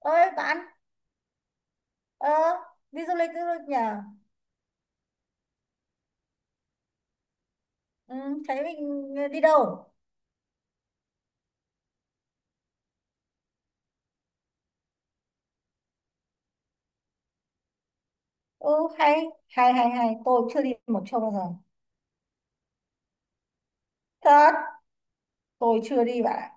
Ơi bạn. ờ, Đi du lịch đi du lịch nhờ. Ừ, thấy mình đi đâu. Ừ, hay hay hay hay, tôi chưa đi một chỗ bao giờ. Thật, tôi chưa đi bạn ạ.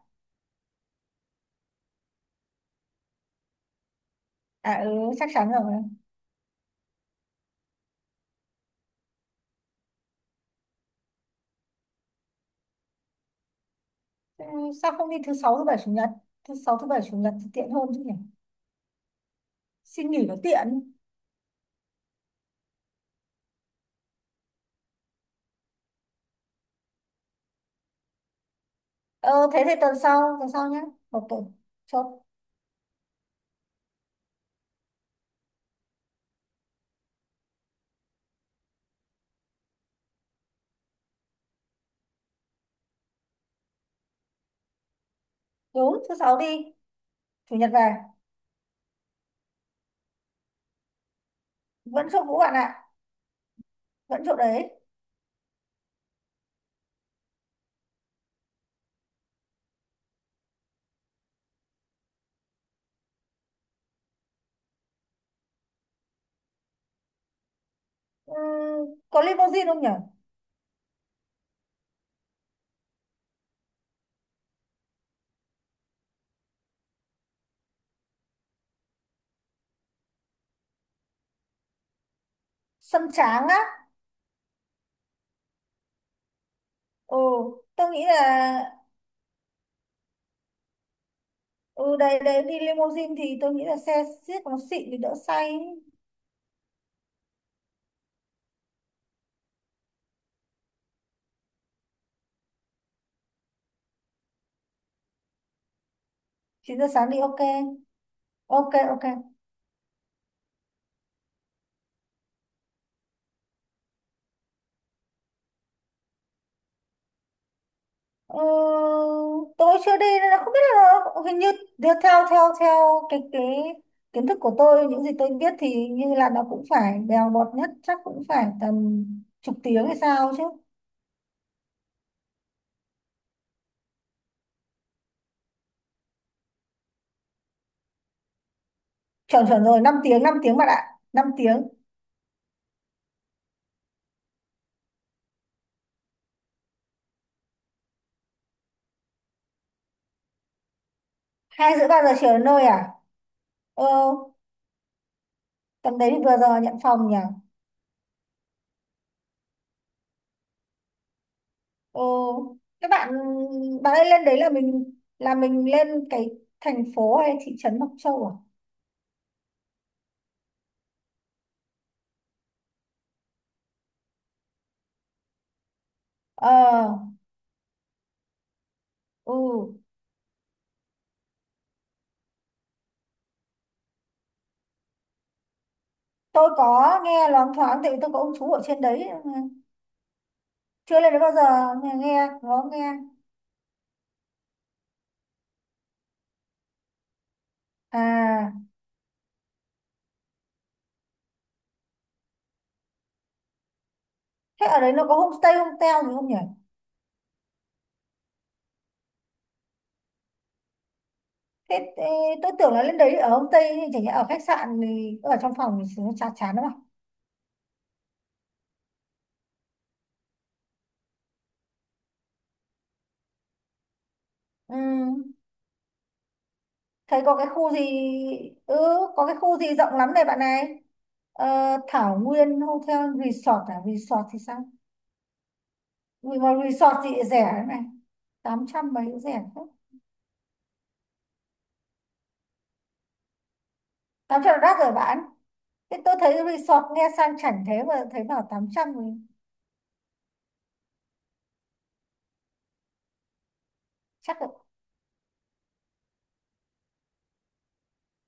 À, ừ, chắc chắn rồi. Ừ, sao không đi thứ sáu thứ bảy chủ nhật? Thứ sáu thứ bảy chủ nhật thì tiện hơn chứ nhỉ? Xin nghỉ nó tiện. Ờ thế thì tuần sau nhé. Một tuần. Chốt. Đúng, thứ sáu đi. Chủ nhật về. Vẫn chỗ cũ bạn ạ. Vẫn chỗ đấy. Ừ, có limousine không nhỉ? Sân tráng á? Ừ, tôi nghĩ là ừ đấy đấy, đi limousine thì tôi nghĩ là xe xiếc nó xịn thì đỡ say ấy. 9 giờ sáng đi, ok ok ok. Ừ, tôi chưa đi nên là không biết, là hình như theo theo theo theo cái kiến thức của tôi, những gì tôi biết thì như là nó cũng phải bèo bọt nhất chắc cũng phải tầm chục tiếng hay sao chứ. Chuẩn, chuẩn rồi, 5 tiếng 5 tiếng bạn ạ. 5 tiếng. 2 rưỡi 3 giờ chiều đến nơi à? Ờ, tầm đấy thì vừa giờ nhận phòng nhỉ. Ồ, các bạn, bạn ấy lên đấy là mình, lên cái thành phố hay thị trấn Mộc Châu à? Ờ, ừ, tôi có nghe loáng thoáng tại vì tôi có ông chú ở trên đấy, chưa lên đấy bao giờ. Nghe nghe, có nghe. À, thế ở đấy nó có homestay hotel gì không nhỉ? Thế, thế tôi tưởng là lên đấy ở homestay. Chẳng nhẽ ở khách sạn thì ở trong phòng thì nó chán chán lắm à? Ừ. Thấy có cái khu gì, ừ, có cái khu gì rộng lắm này bạn này. Ờ, Thảo Nguyên Hotel Resort à, resort thì sao? Vì mà resort thì rẻ đấy này, 800 mấy cũng rẻ thế. 800 là đắt rồi bạn. Thế tôi thấy resort nghe sang chảnh thế mà thấy bảo 800 thì chắc là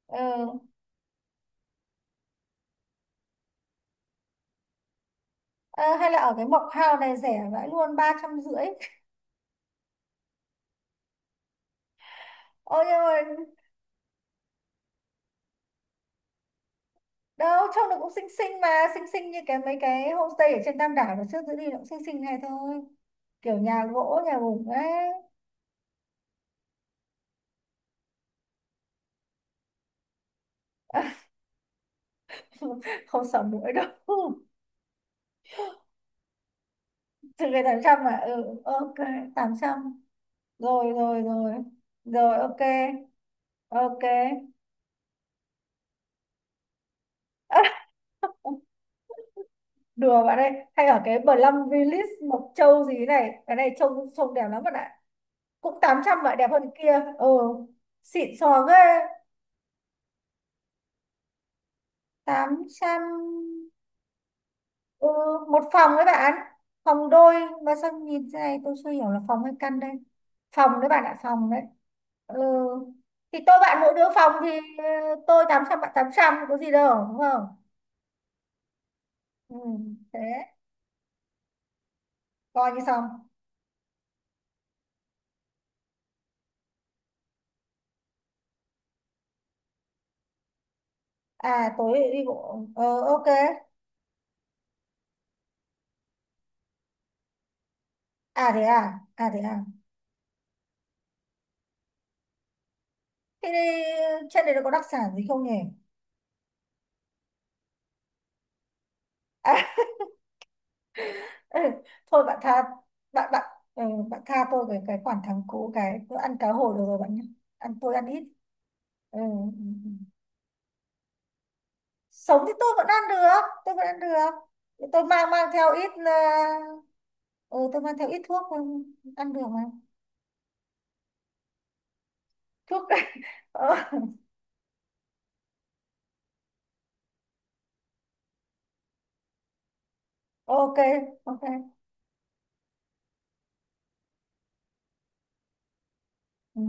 ờ, ờ, hay là ở cái Mộc Hào này rẻ vãi luôn, 350. Ôi nhưng mà đâu trông nó cũng xinh xinh mà. Xinh xinh như cái mấy cái homestay ở trên Tam Đảo nó trước giữ đi, nó cũng xinh xinh này thôi, kiểu nhà gỗ nhà bụng ấy. Không sợ muỗi đâu. Trừ cái 800 mà, ừ, ok, 800. Rồi rồi rồi. Rồi ok. Ok. Đùa bạn ơi, hay ở cái Plum Village Mộc Châu gì này, cái này trông, đẹp lắm bạn ạ, cũng 800 vậy, đẹp hơn kia. Ừ, xịn sò ghê. 800. Ừ, một phòng đấy bạn, phòng đôi. Mà sao nhìn thế này tôi chưa hiểu là phòng hay căn đây. Phòng đấy bạn ạ, phòng đấy. Ừ. Thì tôi bạn mỗi đứa phòng thì ờ, tôi 800, bạn 800, có gì đâu đúng không. Ừ. Thế coi như xong. À tối đi bộ, ok. À thế à, à thế à. Thế đi, trên đấy nó có đặc sản gì không nhỉ? À, ừ. Thôi bạn tha, bạn bạn, ừ, bạn tha tôi cái khoản thắng cú cái bữa ăn cá hồi được rồi bạn nhé. Ăn, tôi ăn ít. Ừ. Ừ, ừ. Sống thì tôi vẫn ăn được, tôi vẫn ăn được. Tôi mang mang theo ít ừ, tôi mang theo ít thuốc, ừ, ăn được mà. Thuốc. Ờ, ok ok. Ừ.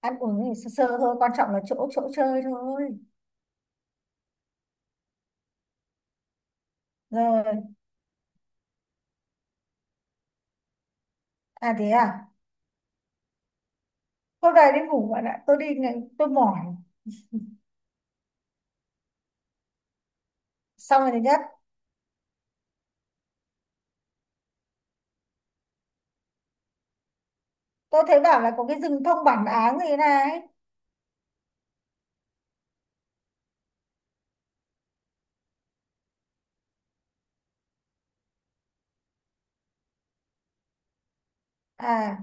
Ăn uống thì sơ sơ thôi, quan trọng là chỗ chỗ chơi thôi. Rồi. À thế à. Hôm nay đi ngủ bạn ạ, tôi mỏi. Xong rồi thứ nhất. Tôi thấy bảo là có cái rừng thông bản áng gì này. À,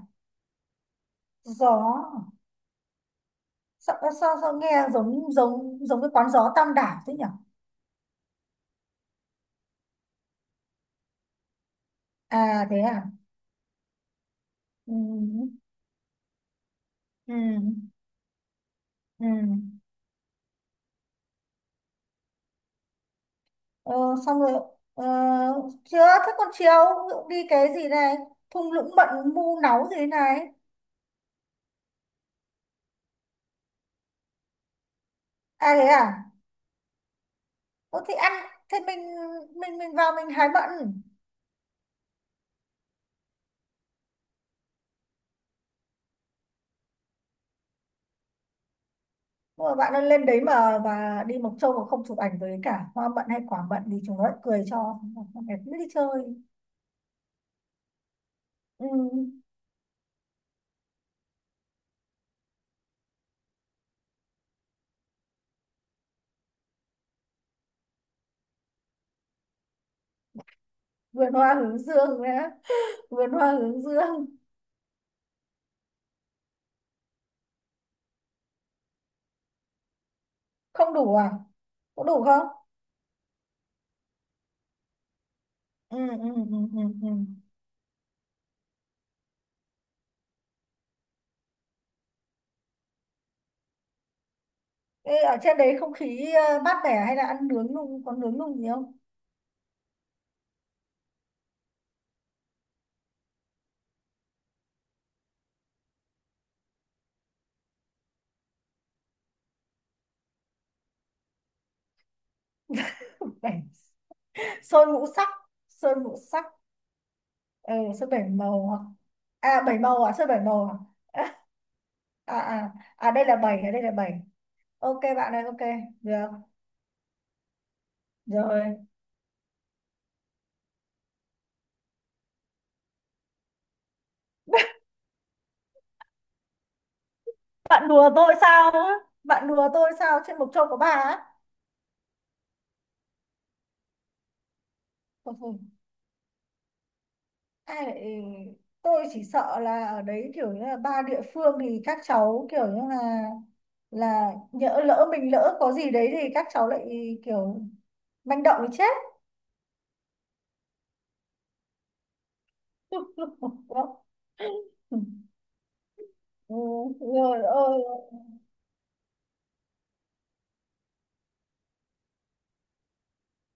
gió. Sao, sao, sao nghe giống, giống giống cái quán gió Tam Đảo thế nhỉ? À thế à. Ừ. Ừ. Ừ. Ờ, xong rồi. Ờ, chưa. Thế còn chiều, ví dụ đi cái gì này, thung lũng mận mu náu gì này. À thế à. Ủa thì ăn, thế mình, mình vào mình hái mận. Nhưng mà bạn ơi, lên đấy mà và đi Mộc Châu mà không chụp ảnh với cả hoa mận hay quả mận thì chúng nó lại cười cho con bé cứ đi chơi. Ừ. Vườn hoa hướng dương nữa. Vườn hoa hướng dương. Không đủ à? Có đủ không? Ừ, ừ, ừ, ừ, ừ. Ê, ở trên đấy không khí mát mẻ, hay là ăn nướng nung, có nướng nung gì không? Bảy- Sơn ngũ sắc. Sơn ngũ sắc. Ừ, sơn 7 màu, hoặc à 7 màu à, sơn 7 màu à. À đây là bảy, à đây là bảy. Ok bạn ơi, ok. Được rồi. Bạn đùa tôi sao á? Bạn đùa tôi sao trên Mộc Châu có bà á? Thôi thôi. Ai lại, ừ, tôi chỉ sợ là ở đấy kiểu như là ba địa phương thì các cháu kiểu như là nhỡ lỡ mình lỡ có gì đấy thì các cháu lại kiểu manh động thì chết. Ừ, rồi, ôi,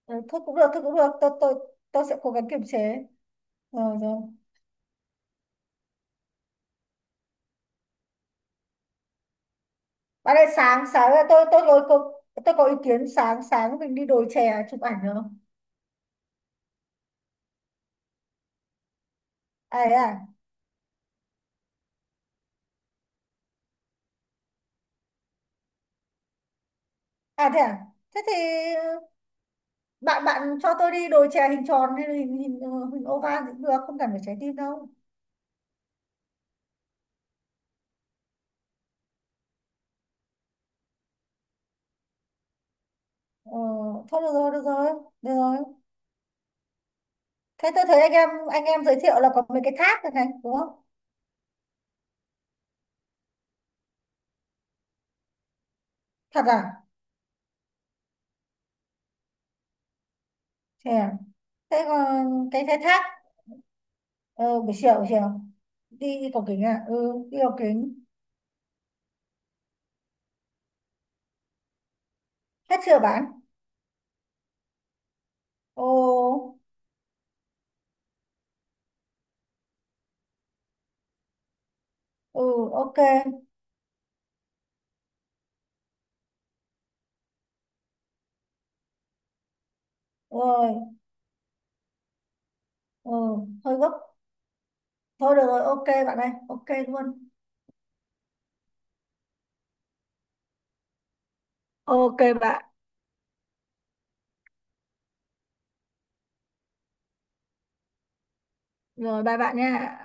ừ, thôi cũng được, thôi cũng được, tôi tôi sẽ cố gắng kiềm chế. Rồi rồi. Bạn ơi sáng sáng là tôi tôi có ý kiến, sáng sáng mình đi đồi chè chụp ảnh được không? À, thế à. À thế à, thế thì ừ, bạn bạn cho tôi đi đồ chè hình tròn hay là hình hình, hình oval thì cũng được, không cần phải trái tim đâu. Ờ, thôi được rồi, được rồi, được rồi. Thế tôi thấy anh em giới thiệu là có mấy cái thác này này đúng không? Thật à. Chè. Thế còn cái thác. Ờ, buổi chiều, buổi chiều, đi, cầu kính à? Ừ, đi cầu kính. Hết chưa, bán. Ồ. Ừ, ok. Rồi. Ừ, hơi gấp. Thôi được rồi, ok bạn ơi, ok luôn. Ok bạn. Rồi, bye bạn nha.